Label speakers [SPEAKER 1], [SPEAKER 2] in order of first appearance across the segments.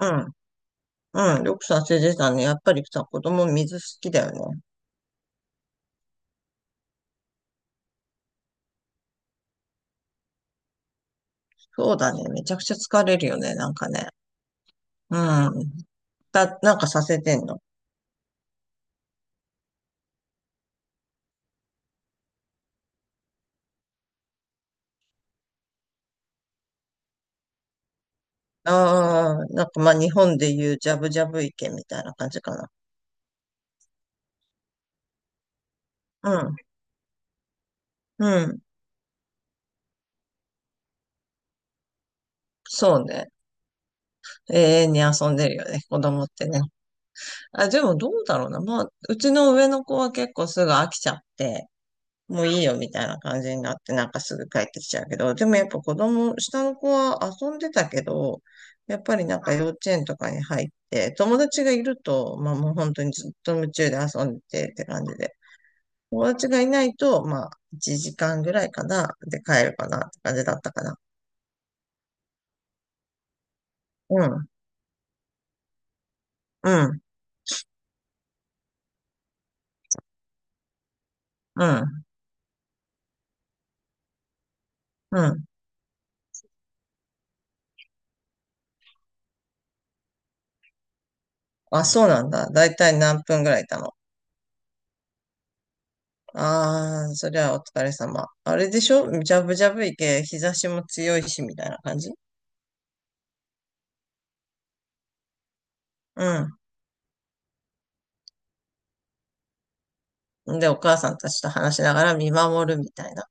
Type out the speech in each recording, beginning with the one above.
[SPEAKER 1] うん、うん、よくさせてたね。やっぱりさ、子供水好きだよね。そうだね。めちゃくちゃ疲れるよね、なんかね。うん。だ、なんかさせてんの。ああ、なんかまあ日本で言うジャブジャブ池みたいな感じかな。うん、そうね。永遠に遊んでるよね、子供ってね。あ、でもどうだろうな。まあ、うちの上の子は結構すぐ飽きちゃって、もういいよみたいな感じになって、なんかすぐ帰ってきちゃうけど、でもやっぱ子供、下の子は遊んでたけど、やっぱりなんか幼稚園とかに入って、友達がいると、まあもう本当にずっと夢中で遊んでてって感じで、友達がいないと、まあ1時間ぐらいかな、で帰るかなって感じだったかな。うん、うん、うん、うん。あ、そうなんだ。だいたい何分ぐらいいたの？ああー、そりゃお疲れ様。あれでしょジャブジャブいけ、日差しも強いし、みたいな感じ。うん。で、お母さんたちと話しながら見守るみたいな。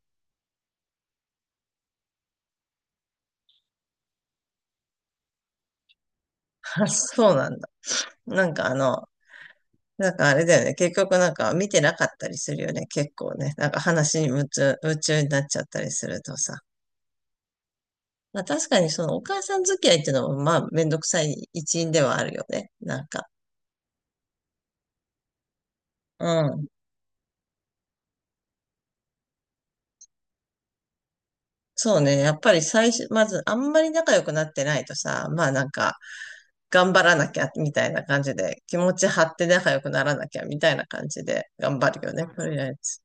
[SPEAKER 1] あそうなんだ。なんかあの、なんかあれだよね。結局なんか見てなかったりするよね。結構ね。なんか話に夢中になっちゃったりするとさ。まあ確かにそのお母さん付き合いっていうのもまあめんどくさい一因ではあるよね。なんか。うん。そうね。やっぱり最初、まずあんまり仲良くなってないとさ、頑張らなきゃみたいな感じで、気持ち張って仲良くならなきゃみたいな感じで頑張るよね。とりあえず。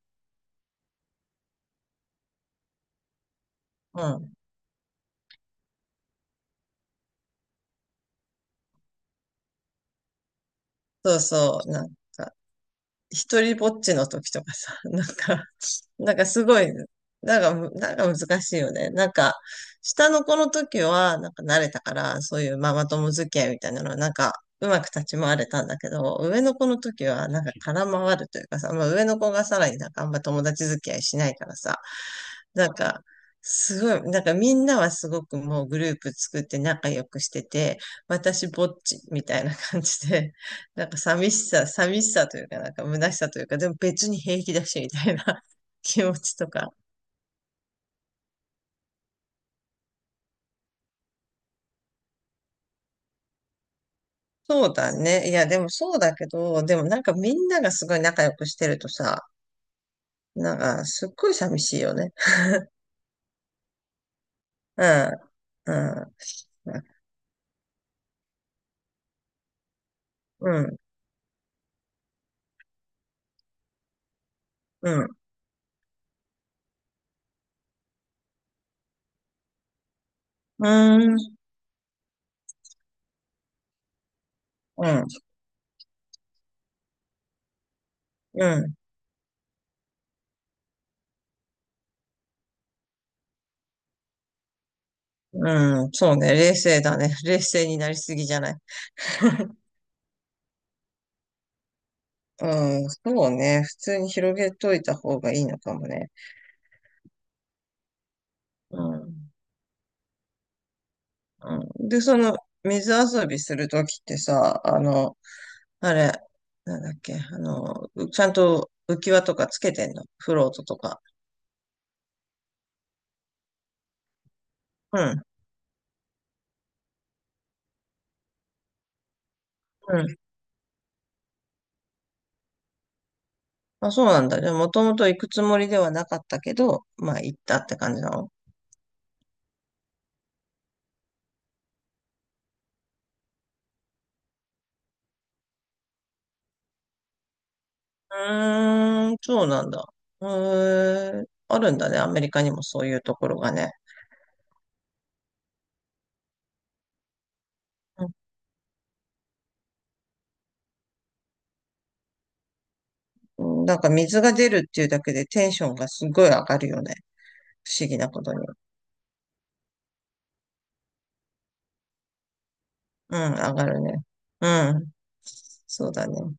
[SPEAKER 1] うん。そうそう、なんか、一人ぼっちの時とかさ、なんか、なんかすごい、なんかむ、なんか難しいよね。なんか、下の子の時は、なんか慣れたから、そういうママ友付き合いみたいなのは、なんか、うまく立ち回れたんだけど、上の子の時は、なんか空回るというかさ、まあ上の子がさらになんかあんま友達付き合いしないからさ、なんか、すごい、なんかみんなはすごくもうグループ作って仲良くしてて、私ぼっちみたいな感じで、なんか寂しさというか、なんか虚しさというか、でも別に平気だしみたいな 気持ちとか。そうだね。いや、でもそうだけど、でもなんかみんながすごい仲良くしてるとさ、なんかすっごい寂しいよね。うん、うん。うん、うん、うん、うん、ううん、そうね、冷静だね。冷静になりすぎじゃない？ うん、そうね。普通に広げといた方がいいのかもね。うん。うん、で、その、水遊びするときってさ、あの、あれ、なんだっけ、あの、うちゃんと浮き輪とかつけてんのフロートとか。うん。うん。あ、そうなんだ。じゃあ、もともと行くつもりではなかったけど、まあ、行ったって感じなの？うーん、そうなんだ。へえ、あるんだね。アメリカにもそういうところがね。うんなんか水が出るっていうだけでテンションがすごい上がるよね。不思議なことに。うん、上がるね。うん。そうだね。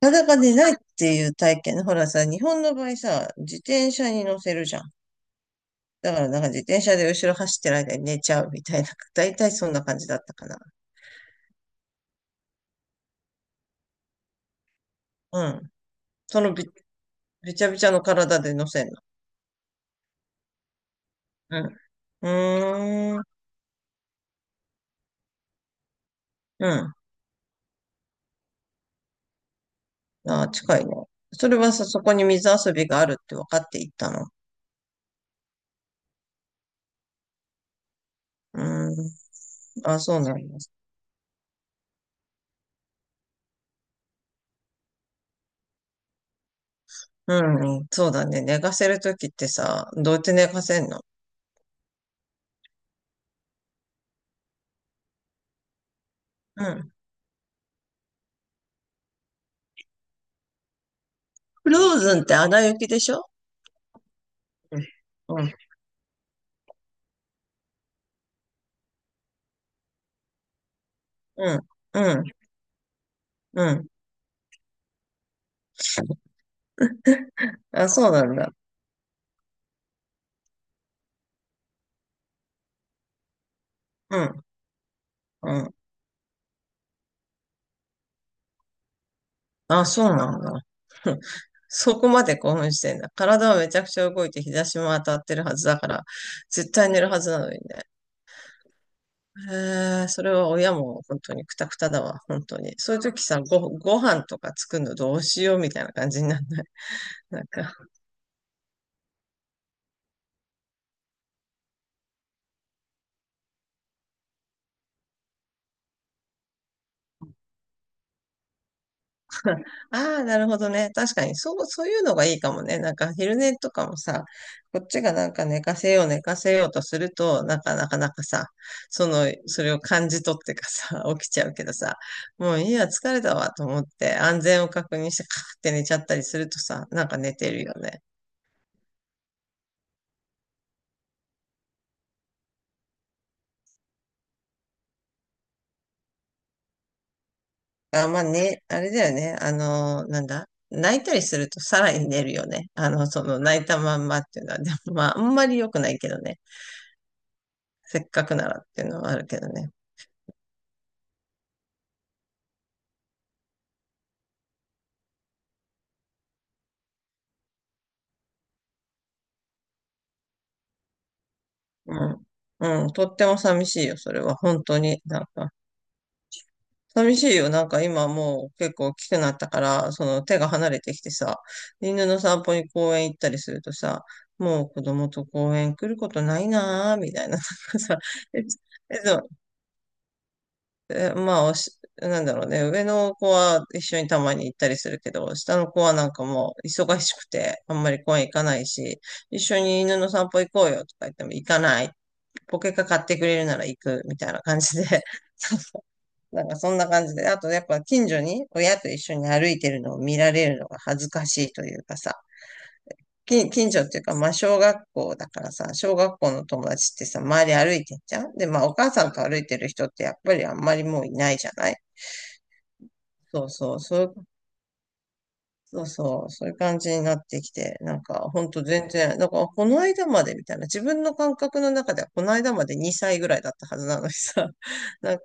[SPEAKER 1] なかなか寝ないっていう体験ね。ほらさ、日本の場合さ、自転車に乗せるじゃん。だからなんか自転車で後ろ走ってる間に寝ちゃうみたいな。だいたいそんな感じだったかな。うん。そのび、びちゃびちゃの体で乗せるの。うん。うーん。うん。あー、近いね。それはさ、そこに水遊びがあるって分かって行ったの？うーん。あ、そうなんです。うんうん、そうだね。寝かせるときってさ、どうやって寝かせんの？うん。フローズンってアナ雪でしょ？うん、うん、うん。うんあ、そうなんだ。うん、うん。あ、そうなんだ。そこまで興奮してんだ。体はめちゃくちゃ動いて日差しも当たってるはずだから、絶対寝るはずなのにね。へえ、それは親も本当にクタクタだわ、本当に。そういう時さ、ご、ご飯とか作るのどうしようみたいな感じになんない？なんかああ、なるほどね。確かに、そう、そういうのがいいかもね。なんか、昼寝とかもさ、こっちがなんか寝かせようとすると、なんか、なかなかさ、その、それを感じ取ってかさ、起きちゃうけどさ、もういいや、疲れたわと思って、安全を確認して、カーって寝ちゃったりするとさ、なんか寝てるよね。あ、まあね、あれだよね。あのなんだ。泣いたりするとさらに寝るよね。あの、その泣いたまんまっていうのは、でもまあ、あんまり良くないけどね。せっかくならっていうのはあるけどね。うん。うん。とっても寂しいよ、それは。本当に。なんか、寂しいよ。なんか今もう結構大きくなったから、その手が離れてきてさ、犬の散歩に公園行ったりするとさ、もう子供と公園来ることないなー、みたいな。なんかさ、え、そうえ、まあ、おし、なんだろうね。上の子は一緒にたまに行ったりするけど、下の子はなんかもう忙しくて、あんまり公園行かないし、一緒に犬の散歩行こうよとか言っても行かない。ポケカ買ってくれるなら行くみたいな感じで、そうそなんかそんな感じで、あとやっぱ近所に親と一緒に歩いてるのを見られるのが恥ずかしいというかさ、近所っていうか、まあ小学校だからさ、小学校の友達ってさ、周り歩いてんじゃんで、まあお母さんと歩いてる人ってやっぱりあんまりもういないじゃない？そうそう、そういう、そうそう、そういう感じになってきて、なんか、ほんと全然、なんか、この間までみたいな、自分の感覚の中では、この間まで2歳ぐらいだったはずなのにさ、なんか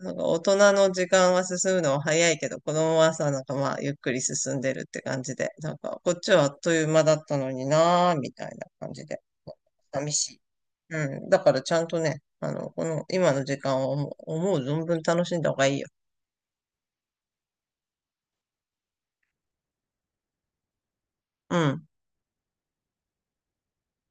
[SPEAKER 1] なんか大人の時間は進むのは早いけど、子供はさ、なんかまあ、ゆっくり進んでるって感じで、なんか、こっちはあっという間だったのになー、みたいな感じで、寂しい。うん。だからちゃんとね、あの、この、今の時間を思う、思う存分楽しんだ方がいいよ。うん。